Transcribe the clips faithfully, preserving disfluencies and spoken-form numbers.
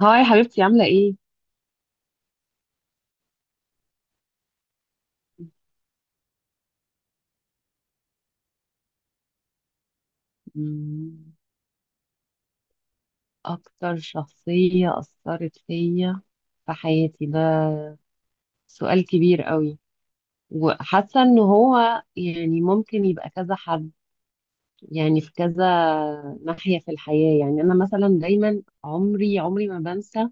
هاي حبيبتي، عاملة ايه؟ مم، أكتر شخصية أثرت فيا في حياتي، ده سؤال كبير قوي. وحاسة إن هو يعني ممكن يبقى كذا حد، يعني في كذا ناحية في الحياة. يعني أنا مثلا دايما عمري عمري ما بنسى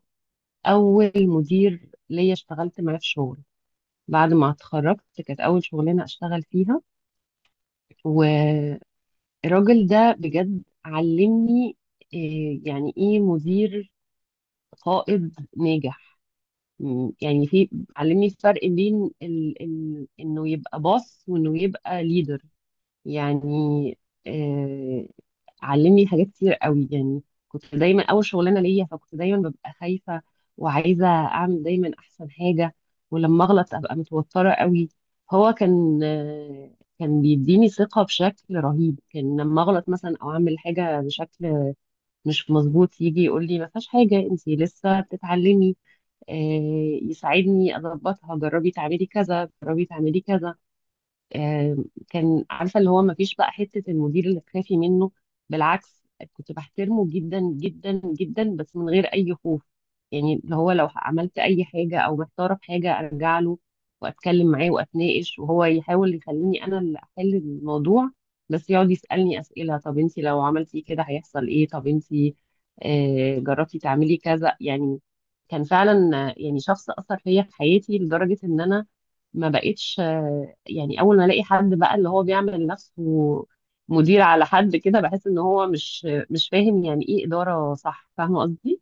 أول مدير ليا اشتغلت معاه في شغل بعد ما اتخرجت، كانت أول شغلانة أشتغل فيها. والراجل ده بجد علمني إيه، يعني إيه مدير قائد ناجح. م- يعني في علمني الفرق بين ال... ال... انه يبقى باص وانه يبقى ليدر. يعني آه... علمني حاجات كتير قوي يعني. كنت دايما اول شغلانه ليا، فكنت دايما ببقى خايفه وعايزه اعمل دايما احسن حاجه، ولما اغلط ابقى متوتره قوي. هو كان آه... كان بيديني ثقه بشكل رهيب. كان لما اغلط مثلا او اعمل حاجه بشكل مش مظبوط، يجي يقول لي ما فيهاش حاجه انت لسه بتتعلمي، آه، يساعدني اضبطها، جربي تعملي كذا جربي تعملي كذا. آه، كان عارفه اللي هو ما فيش بقى حته المدير اللي تخافي منه، بالعكس. كنت بحترمه جدا جدا جدا، بس من غير اي خوف. يعني اللي هو لو عملت اي حاجه او محتاره في حاجه ارجع له واتكلم معاه واتناقش، وهو يحاول يخليني انا اللي احل الموضوع، بس يقعد يسالني اسئله، طب انت لو عملتي كده هيحصل ايه، طب انت آه، جربتي تعملي كذا يعني. كان فعلا آه، يعني شخص اثر فيا في حياتي، لدرجه ان انا ما بقتش آه، يعني اول ما الاقي حد بقى اللي هو بيعمل نفسه مدير على حد كده بحس ان هو مش مش فاهم يعني ايه اداره، صح؟ فاهمه قصدي.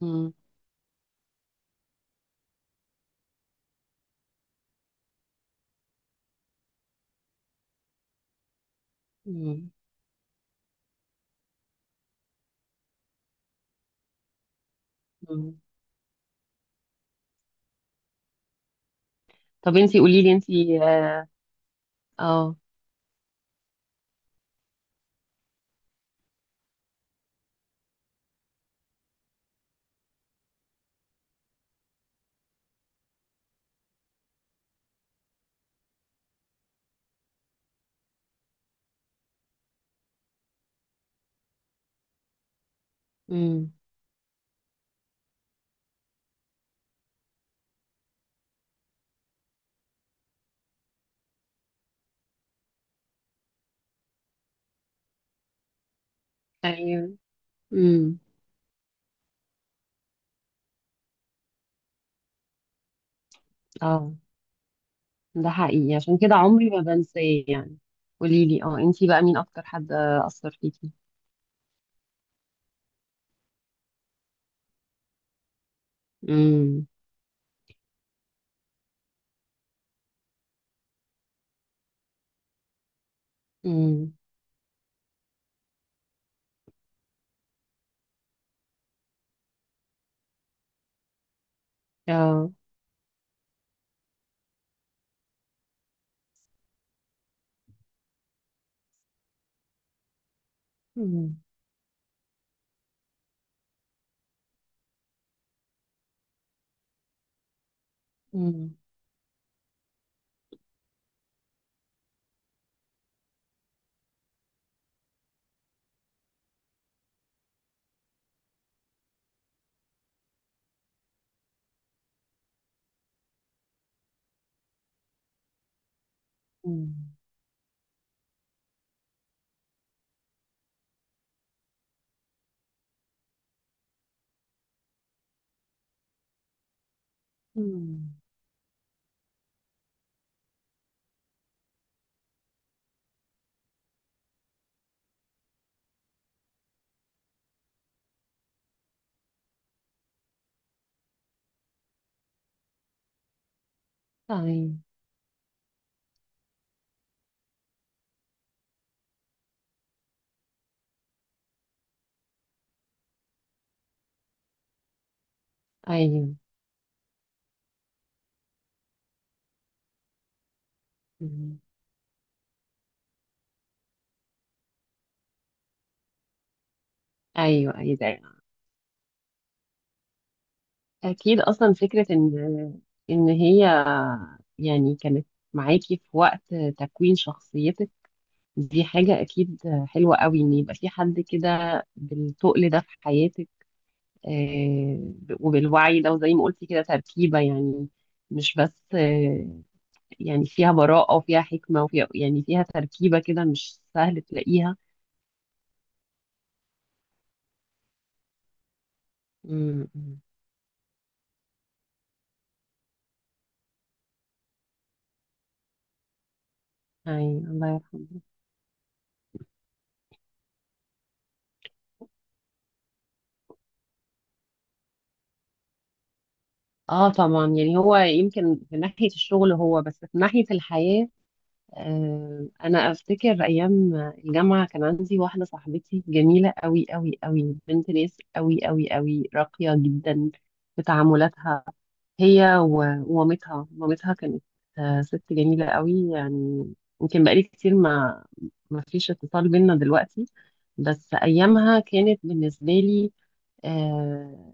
مم. مم. مم. طب انتي قولي لي، انتي اه آه. مم. ايوه. مم. اه، ده حقيقي، عشان كده عمري ما بنساه يعني. قولي لي، اه انتي بقى مين اكتر حد اثر فيكي. امم. امم. اه. امم. امم. امم. تمام. ايوه. مم. ايوه، ايوه، أيوة. اكيد، اصلا فكره ان ان هي يعني كانت معاكي في وقت تكوين شخصيتك، دي حاجه اكيد حلوه قوي ان يبقى في حد كده بالتقل ده في حياتك، آه، وبالوعي ده، وزي ما قلتي كده تركيبه، يعني مش بس آه، يعني فيها براءه وفيها حكمه وفيها يعني فيها تركيبه كده مش سهل تلاقيها. امم. ايوه، الله. اه، طبعا، يعني هو يمكن في ناحية الشغل، هو بس في ناحية الحياة آه انا افتكر ايام الجامعة كان عندي واحدة صاحبتي جميلة قوي قوي قوي، بنت ناس قوي قوي قوي، راقية جدا في تعاملاتها. هي و- ومامتها، مامتها كانت آه ست جميلة قوي يعني. يمكن بقالي كتير ما ما فيش اتصال بينا دلوقتي، بس ايامها كانت بالنسبة لي آه،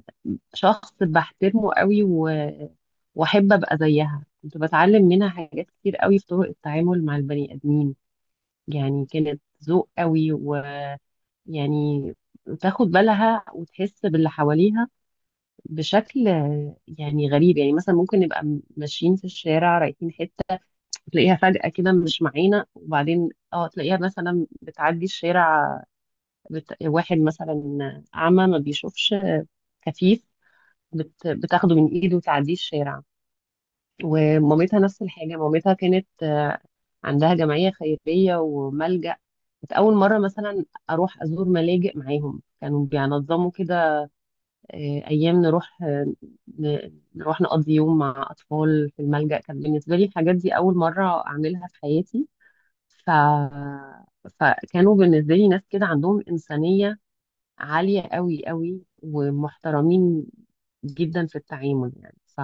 شخص بحترمه قوي و... واحب ابقى زيها. كنت بتعلم منها حاجات كتير قوي في طرق التعامل مع البني ادمين، يعني كانت ذوق قوي، ويعني تاخد بالها وتحس باللي حواليها بشكل يعني غريب. يعني مثلا ممكن نبقى م- ماشيين في الشارع رايحين حته، تلاقيها فجأة كده مش معانا، وبعدين اه تلاقيها مثلا بتعدي الشارع، بت... واحد مثلا أعمى ما بيشوفش، كفيف، بت... بتاخده من ايده وتعديه الشارع. ومامتها نفس الحاجة، مامتها كانت آه، عندها جمعية خيرية وملجأ. كنت أول مرة مثلا أروح أزور ملاجئ معاهم، كانوا بينظموا كده آه، أيام نروح آه، ن- نروح نقضي يوم مع أطفال في الملجأ. كان بالنسبة لي الحاجات دي أول مرة أعملها في حياتي، ف... فكانوا بالنسبة لي ناس كده عندهم إنسانية عالية قوي قوي ومحترمين جدا في التعامل، يعني ف...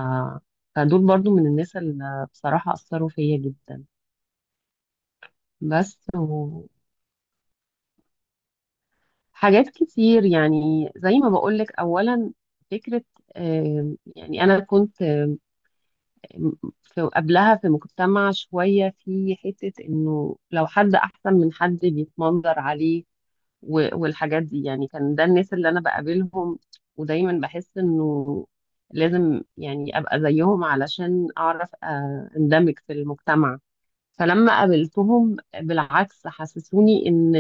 فدول برضو من الناس اللي بصراحة أثروا فيا جدا. بس و... حاجات كتير، يعني زي ما بقولك. أولا فكرة، آم، يعني أنا كنت آم، في قبلها في مجتمع شوية، في حتة إنه لو حد أحسن من حد بيتمنظر عليه و- والحاجات دي، يعني كان ده الناس اللي انا بقابلهم، ودايما بحس انه لازم يعني ابقى زيهم علشان اعرف آه، اندمج في المجتمع. فلما قابلتهم، بالعكس، حسسوني ان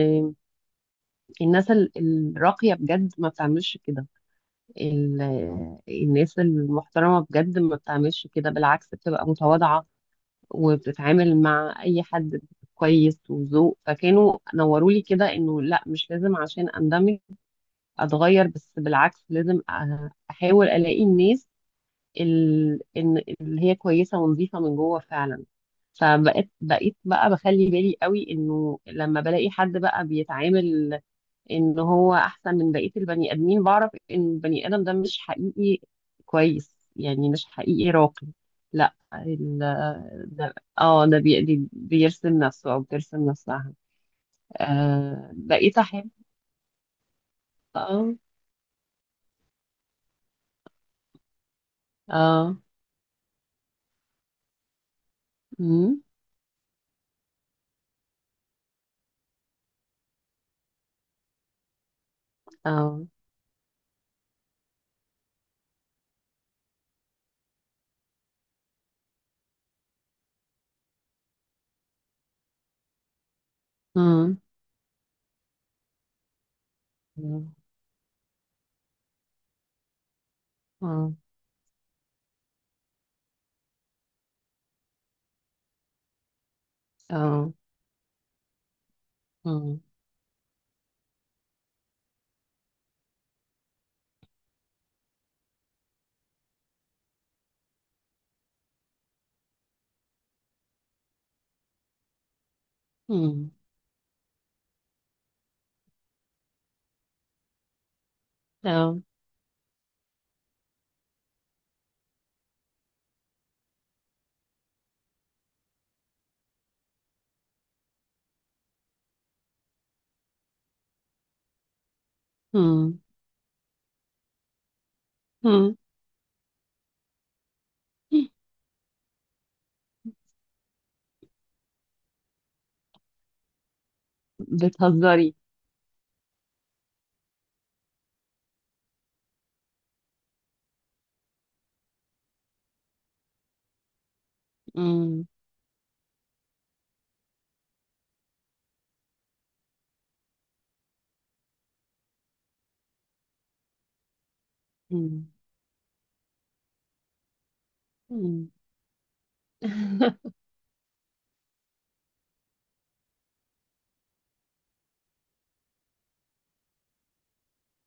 الناس ال- الراقية بجد ما بتعملش كده، ال- الناس المحترمة بجد ما بتعملش كده، بالعكس، بتبقى متواضعة وبتتعامل مع اي حد كويس وذوق. فكانوا نوروا لي كده انه لا، مش لازم عشان اندمج اتغير، بس بالعكس لازم أ- احاول الاقي الناس ال- إن- اللي هي كويسه ونظيفه من جوه فعلا. فبقيت بقيت بقى بخلي بالي قوي انه لما بلاقي حد بقى بيتعامل ان هو احسن من بقيه البني ادمين، بعرف ان البني ادم ده مش حقيقي كويس، يعني مش حقيقي راقي. لا، ال- ده، اه، ده بي- بي- بيرسم نفسه او بترسم نفسها. آه، بقيت احب. اه. اه. مم. اه. 嗯嗯嗯嗯嗯嗯嗯嗯嗯，بتهزري؟ امم. امم. امم.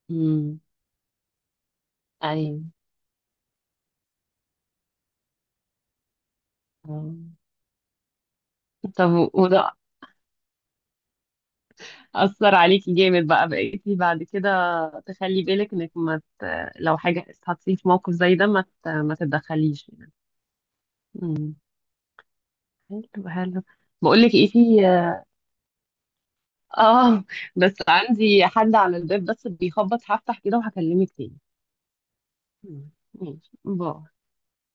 امم. ايوه. آه. طب و- وده أثر عليكي جامد بقى بقيتي بعد كده تخلي بالك انك ما ت... لو حاجة اتحطيتي في موقف زي ده ما ت... ما تتدخليش يعني. امم. حلو حلو. بقول لك ايه، في اه بس عندي حد على الباب، بس بيخبط، هفتح كده وهكلمك تاني. مم. ماشي، باي.